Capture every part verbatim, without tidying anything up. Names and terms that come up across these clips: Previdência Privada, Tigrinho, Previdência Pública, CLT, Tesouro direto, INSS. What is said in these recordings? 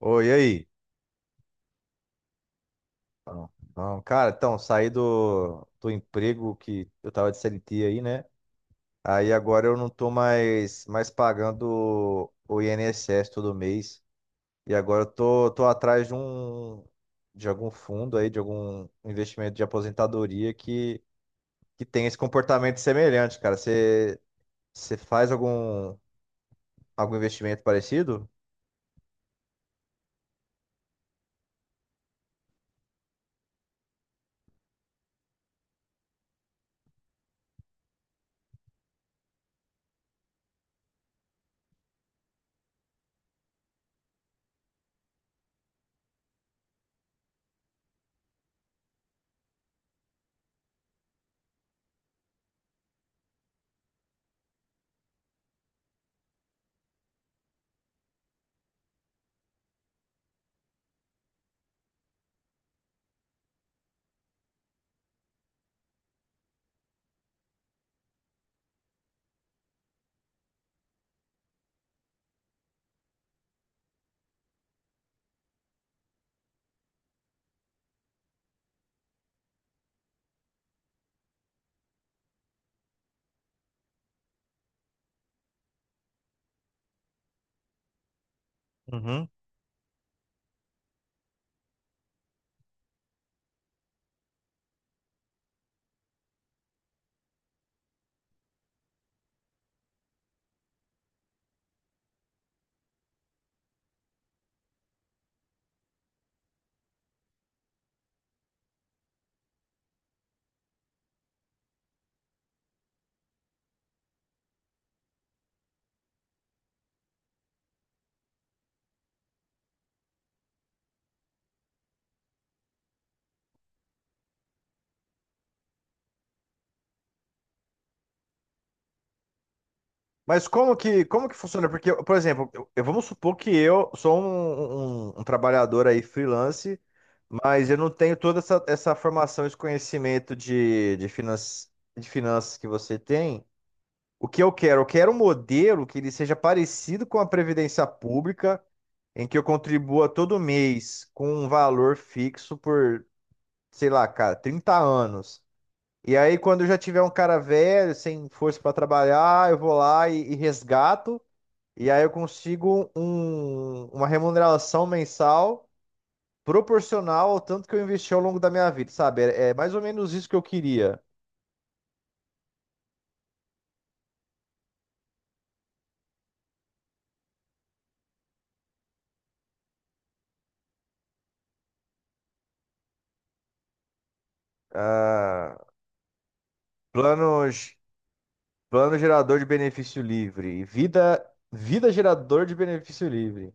Oi, e aí? Não, não, cara, então, saí do, do emprego que eu tava de C L T aí, né? Aí agora eu não tô mais, mais pagando o I N S S todo mês. E agora eu tô, tô atrás de um, de algum fundo aí, de algum investimento de aposentadoria que, que tem esse comportamento semelhante, cara. Você, você faz algum, algum investimento parecido? Uhum. Mas como que, como que funciona? Porque, por exemplo, eu, eu- vamos supor que eu sou um, um- um trabalhador aí freelance, mas eu não tenho toda essa, essa formação, esse conhecimento de, de, finance, de finanças que você tem. O que eu quero? Eu quero um modelo que ele seja parecido com a Previdência Pública, em que eu contribua todo mês com um valor fixo por, sei lá, cara, trinta anos. E aí, quando eu já tiver um cara velho, sem força para trabalhar, eu vou lá e e resgato. E aí eu consigo um- uma remuneração mensal proporcional ao tanto que eu investi ao longo da minha vida, sabe? É, é mais ou menos isso que eu queria. Ah, planos, plano gerador de benefício livre, vida, vida gerador de benefício livre.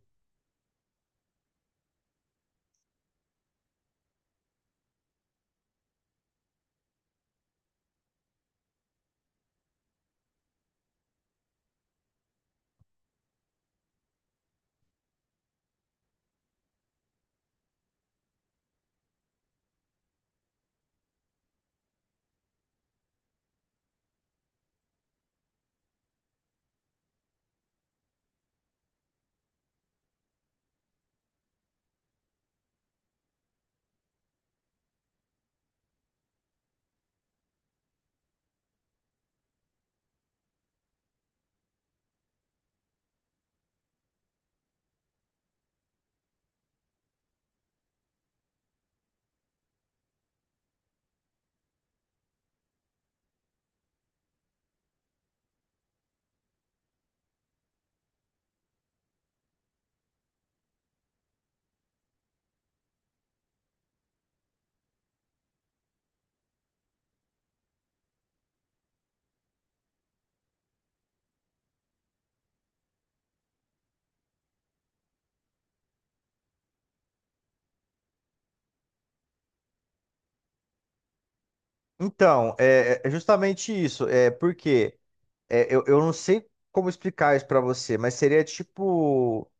Então, é, é justamente isso. É porque é, eu, eu não sei como explicar isso pra você, mas seria tipo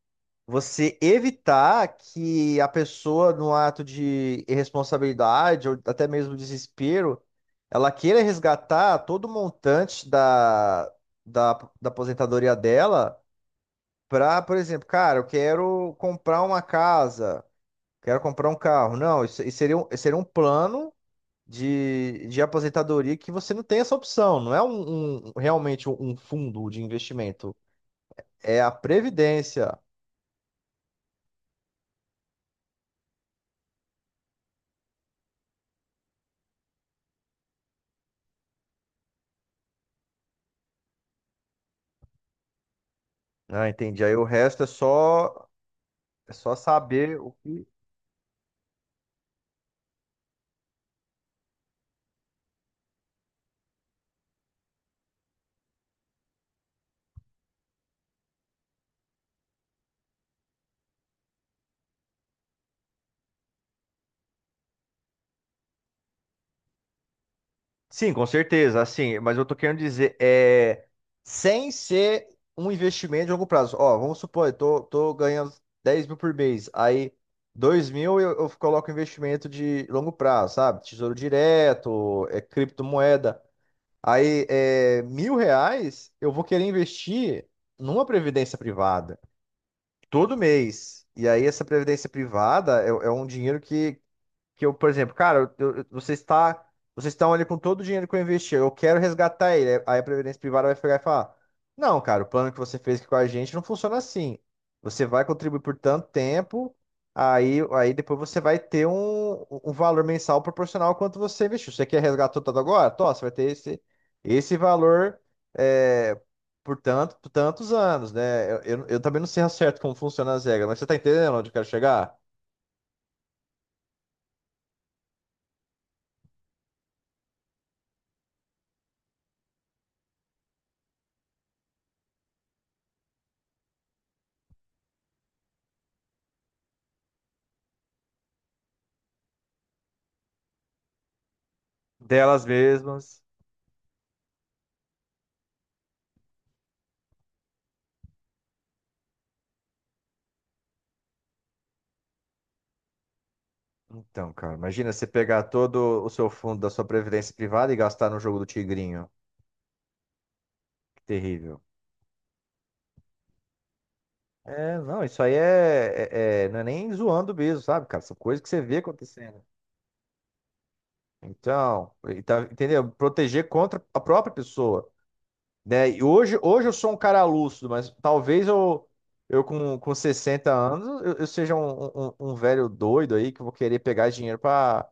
você evitar que a pessoa, no ato de irresponsabilidade ou até mesmo desespero, ela queira resgatar todo o montante da, da, da aposentadoria dela para, por exemplo, cara, eu quero comprar uma casa, quero comprar um carro. Não, isso, isso seria um, isso seria um plano de, de aposentadoria que você não tem essa opção, não é um, um- realmente um fundo de investimento, é a previdência. Ah, entendi. Aí o resto é só é só saber o que. Sim, com certeza, assim, mas eu tô querendo dizer, é, sem ser um investimento de longo prazo. Ó, vamos supor, eu tô, tô ganhando dez mil por mês, aí dois mil eu, eu coloco investimento de longo prazo, sabe? Tesouro direto, é, criptomoeda. Aí, é, mil reais eu vou querer investir numa previdência privada, todo mês. E aí, essa previdência privada é, é um dinheiro que que eu, por exemplo, cara, eu- eu- você está, vocês estão ali com todo o dinheiro que eu investi, eu quero resgatar ele. Aí a Previdência Privada vai pegar e falar: não, cara, o plano que você fez aqui com a gente não funciona assim. Você vai contribuir por tanto tempo, aí, aí depois você vai ter um, um valor mensal proporcional ao quanto você investiu. Você quer resgatar tudo agora? Tó, você vai ter esse, esse valor. é, Por tanto, por tantos anos, né? Eu, eu, eu também não sei ao certo como funcionam as regras, mas você tá entendendo onde eu quero chegar? Delas mesmas. Então, cara, imagina você pegar todo o seu fundo da sua previdência privada e gastar no jogo do Tigrinho. Que terrível. É, não, isso aí é, é- é- não é nem zoando mesmo, sabe, cara? São coisas que você vê acontecendo. Então, e tá- entendeu? Proteger contra a própria pessoa. Né? E hoje, hoje eu sou um cara lúcido, mas talvez eu, eu com, com sessenta anos eu, eu seja um, um, um um velho doido aí que eu vou querer pegar dinheiro para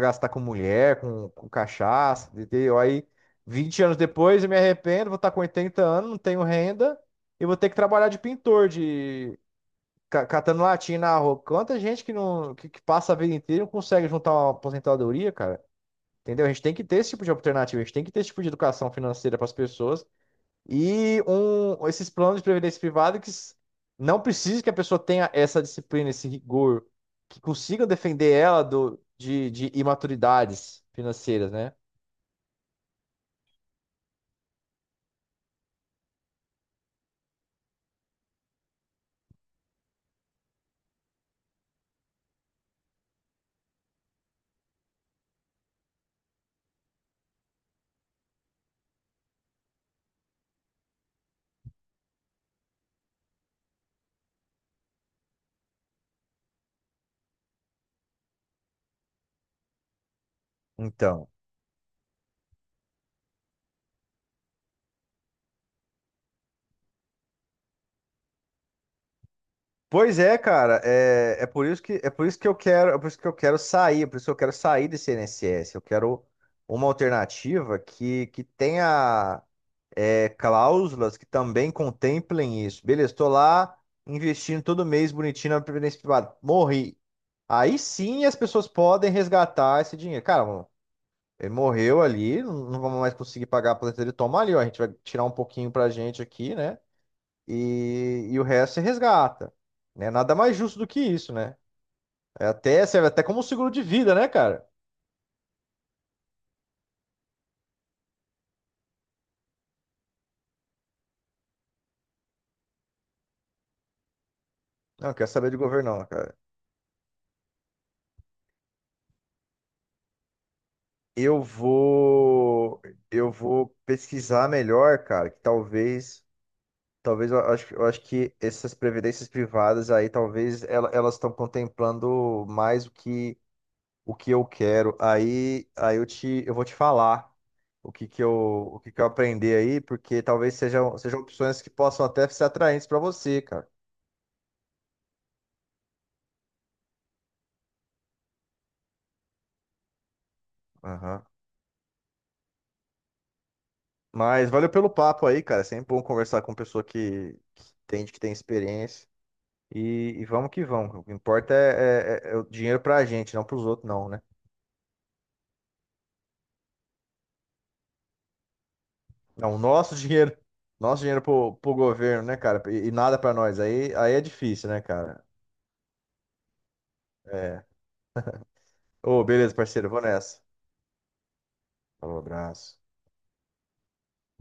gastar com mulher, com, com cachaça, entendeu? Aí vinte anos depois eu me arrependo, vou estar com oitenta anos, não tenho renda e vou ter que trabalhar de pintor, de ca- catando latinha na rua. Quanta gente que não que, que passa a vida inteira e não consegue juntar uma aposentadoria, cara. Entendeu? A gente tem que ter esse tipo de alternativa, a gente tem que ter esse tipo de educação financeira para as pessoas e um, esses planos de previdência privada que s- não precisa que a pessoa tenha essa disciplina, esse rigor, que consigam defender ela do, de, de imaturidades financeiras, né? Então. Pois é, cara, é, é por isso que é por isso que eu quero, é por isso que eu quero sair, é por isso que eu quero sair desse I N S S. Eu quero uma alternativa que, que tenha é, cláusulas que também contemplem isso. Beleza, estou lá investindo todo mês bonitinho na previdência privada. Morri. Aí sim as pessoas podem resgatar esse dinheiro. Cara, mano, ele morreu ali, não não vamos mais conseguir pagar a aposentadoria. Toma ali, ó, a gente vai tirar um pouquinho pra gente aqui, né? E, e o resto você resgata. Né? Nada mais justo do que isso, né? É até Serve até como um seguro de vida, né, cara? Não, quer saber de governo, não, cara. Eu vou, eu vou pesquisar melhor, cara, que talvez, talvez eu acho, eu acho que essas previdências privadas aí, talvez ela- elas estão contemplando mais o que, o que, eu quero. Aí, aí eu te, eu vou te falar o que que eu, o que que eu aprendi aí, porque talvez sejam, sejam opções que possam até ser atraentes para você, cara. Aham. Mas valeu pelo papo aí, cara. É sempre bom conversar com pessoa que, que entende, que tem experiência. E, e vamos que vamos. O que importa é, é- é é o dinheiro pra gente, não pros outros, não, né? Não, o nosso dinheiro, nosso dinheiro pro, pro governo, né, cara? E, e nada pra nós. Aí, aí é difícil, né, cara? É. Ô, beleza, parceiro, eu vou nessa. Falou, abraço.